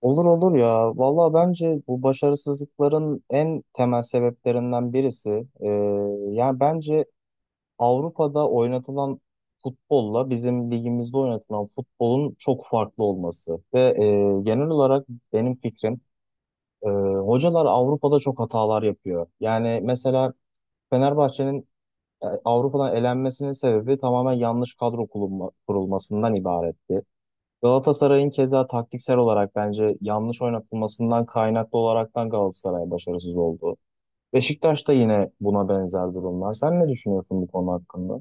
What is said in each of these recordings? Olur olur ya. Valla bence bu başarısızlıkların en temel sebeplerinden birisi. e, Yani bence Avrupa'da oynatılan futbolla bizim ligimizde oynatılan futbolun çok farklı olması. Ve genel olarak benim fikrim, e, hocalar Avrupa'da çok hatalar yapıyor. Yani mesela Fenerbahçe'nin Avrupa'dan elenmesinin sebebi tamamen yanlış kurulmasından ibaretti. Galatasaray'ın keza taktiksel olarak bence yanlış oynatılmasından kaynaklı olaraktan Galatasaray başarısız oldu. Beşiktaş da yine buna benzer durumlar. Sen ne düşünüyorsun bu konu hakkında?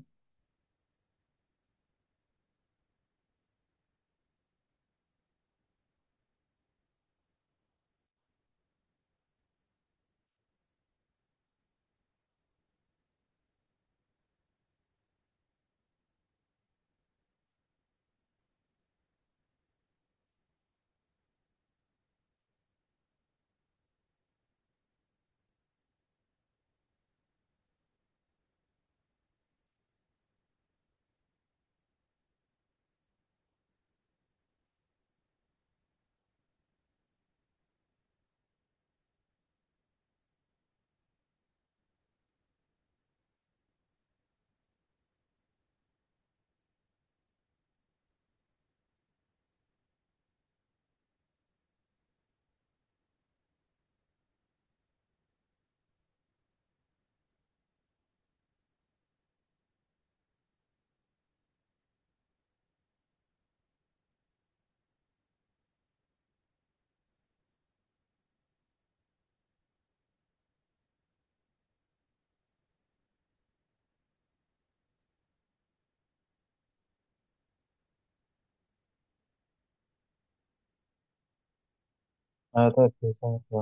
Evet evet kesinlikle.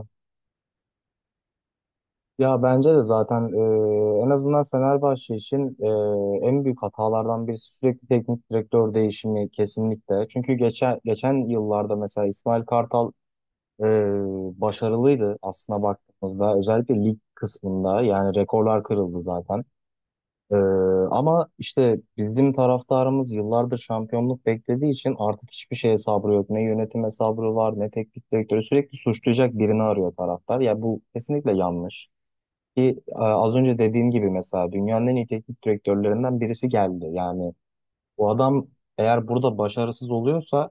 Ya bence de zaten, en azından Fenerbahçe için, en büyük hatalardan birisi sürekli teknik direktör değişimi kesinlikle. Çünkü geçen yıllarda mesela İsmail Kartal e, başarılıydı aslında baktığımızda. Özellikle lig kısmında yani rekorlar kırıldı zaten. Ee, Ama işte bizim taraftarımız yıllardır şampiyonluk beklediği için artık hiçbir şeye sabrı yok. Ne yönetime sabrı var, ne teknik direktörü, sürekli suçlayacak birini arıyor taraftar. Ya bu kesinlikle yanlış. Ki az önce dediğim gibi mesela dünyanın en iyi teknik direktörlerinden birisi geldi. Yani bu adam eğer burada başarısız oluyorsa,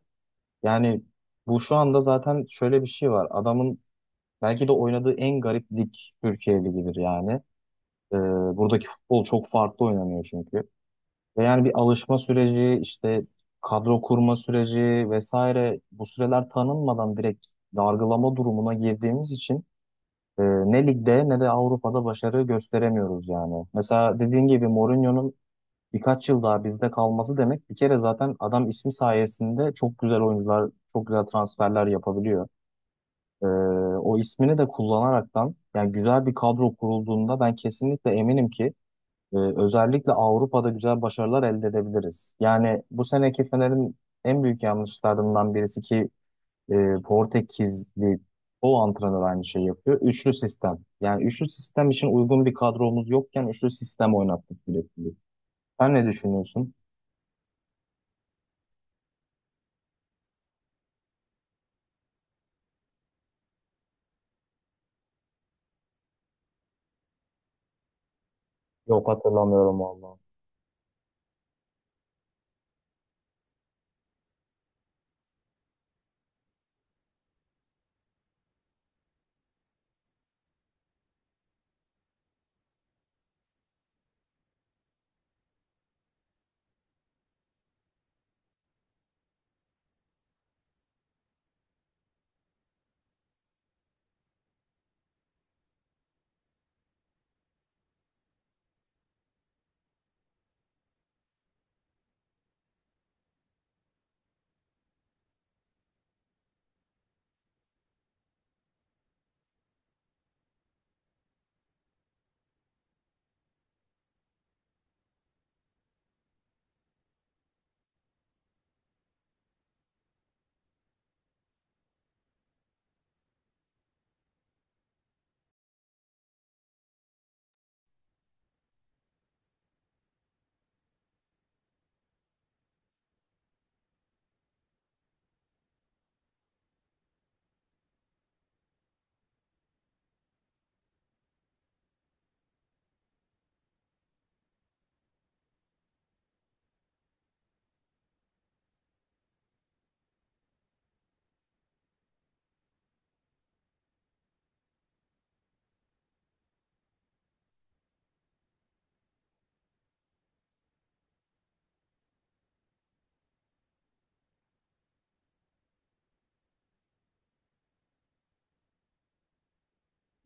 yani bu şu anda zaten şöyle bir şey var. Adamın belki de oynadığı en garip lig Türkiye Ligi'dir yani. Ee, Buradaki futbol çok farklı oynanıyor çünkü. Ve yani bir alışma süreci, işte kadro kurma süreci vesaire, bu süreler tanınmadan direkt dargılama durumuna girdiğimiz için ne ligde ne de Avrupa'da başarı gösteremiyoruz yani. Mesela dediğin gibi Mourinho'nun birkaç yıl daha bizde kalması demek, bir kere zaten adam ismi sayesinde çok güzel oyuncular, çok güzel transferler yapabiliyor. E, O ismini de kullanaraktan, yani güzel bir kadro kurulduğunda ben kesinlikle eminim ki özellikle Avrupa'da güzel başarılar elde edebiliriz. Yani bu seneki Fener'in en büyük yanlışlarından birisi ki e, Portekizli o antrenör aynı şeyi yapıyor. Üçlü sistem. Yani üçlü sistem için uygun bir kadromuz yokken üçlü sistem oynattık sürekli. Sen ne düşünüyorsun? Yok, hatırlamıyorum vallahi.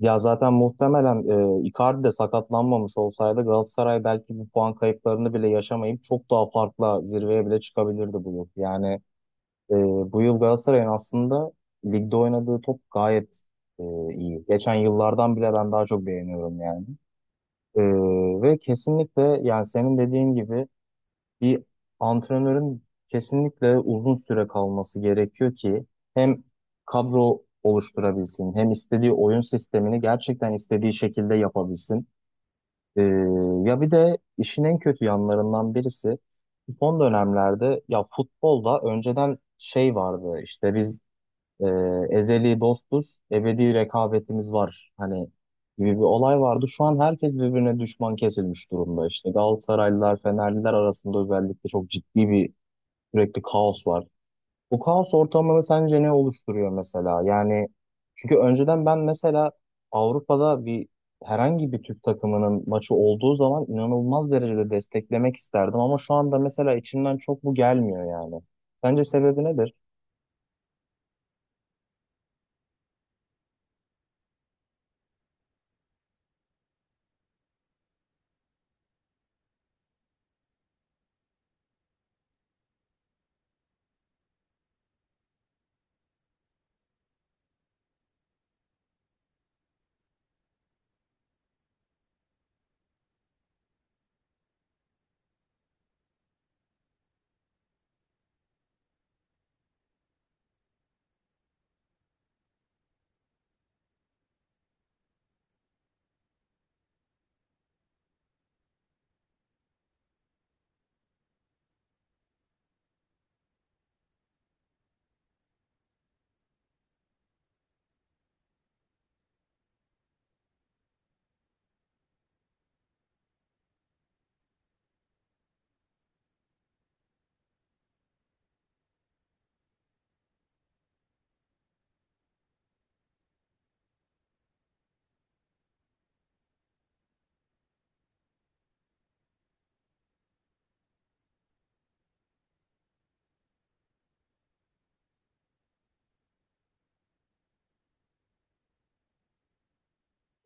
Ya zaten muhtemelen Icardi de sakatlanmamış olsaydı Galatasaray belki bu puan kayıplarını bile yaşamayıp çok daha farklı zirveye bile çıkabilirdi bu yıl. Yani Ee, bu yıl Galatasaray'ın aslında ligde oynadığı top gayet e, iyi. Geçen yıllardan bile ben daha çok beğeniyorum yani. Ee, Ve kesinlikle yani senin dediğin gibi bir antrenörün kesinlikle uzun süre kalması gerekiyor ki hem kadro oluşturabilsin hem istediği oyun sistemini gerçekten istediği şekilde yapabilsin. Ee, Ya bir de işin en kötü yanlarından birisi, son dönemlerde ya futbolda önceden şey vardı işte biz, e, ezeli dostuz, ebedi rekabetimiz var hani gibi bir olay vardı. Şu an herkes birbirine düşman kesilmiş durumda. İşte Galatasaraylılar, Fenerliler arasında özellikle çok ciddi bir sürekli kaos var. Bu kaos ortamını sence ne oluşturuyor mesela? Yani çünkü önceden ben mesela Avrupa'da bir herhangi bir Türk takımının maçı olduğu zaman inanılmaz derecede desteklemek isterdim, ama şu anda mesela içimden çok bu gelmiyor yani. Sence sebebi nedir?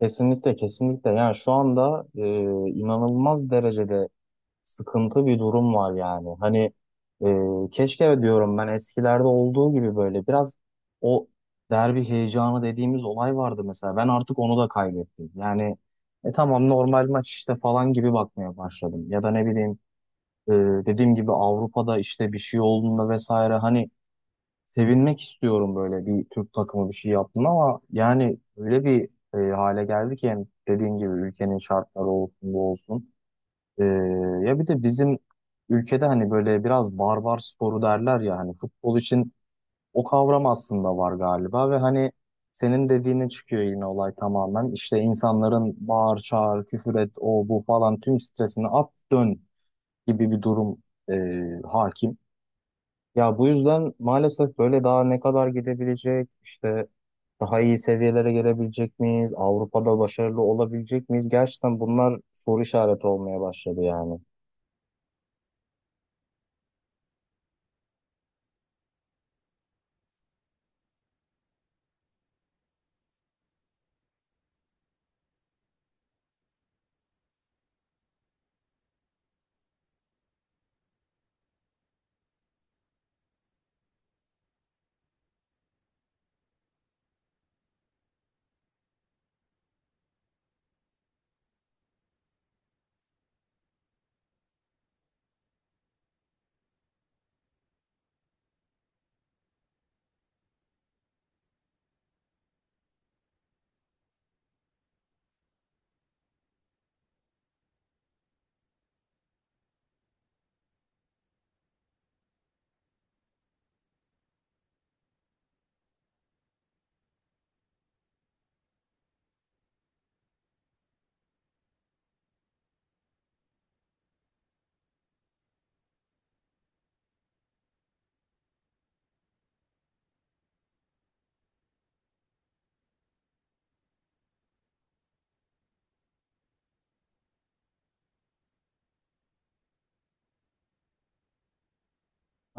Kesinlikle kesinlikle, yani şu anda inanılmaz derecede sıkıntı bir durum var yani, hani keşke diyorum ben eskilerde olduğu gibi böyle biraz o derbi heyecanı dediğimiz olay vardı mesela, ben artık onu da kaybettim yani. Tamam, normal maç işte falan gibi bakmaya başladım, ya da ne bileyim, e, dediğim gibi Avrupa'da işte bir şey olduğunda vesaire, hani sevinmek istiyorum böyle bir Türk takımı bir şey yaptın, ama yani öyle bir hale geldi ki, yani dediğin gibi ülkenin şartları olsun bu olsun. E, Ya bir de bizim ülkede hani böyle biraz barbar sporu derler ya hani futbol için, o kavram aslında var galiba ve hani senin dediğine çıkıyor yine olay tamamen. İşte insanların bağır çağır küfür et o bu falan tüm stresini at dön gibi bir durum e, hakim. Ya bu yüzden maalesef böyle daha ne kadar gidebilecek, işte daha iyi seviyelere gelebilecek miyiz, Avrupa'da başarılı olabilecek miyiz? Gerçekten bunlar soru işareti olmaya başladı yani.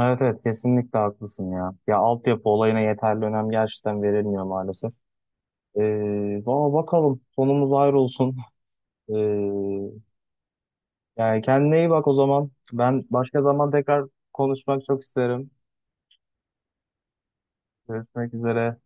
Evet evet kesinlikle haklısın ya. Ya altyapı olayına yeterli önem gerçekten verilmiyor maalesef. Valla bakalım sonumuz ayrı olsun. Ee, Yani kendine iyi bak o zaman. Ben başka zaman tekrar konuşmak çok isterim. Görüşmek üzere.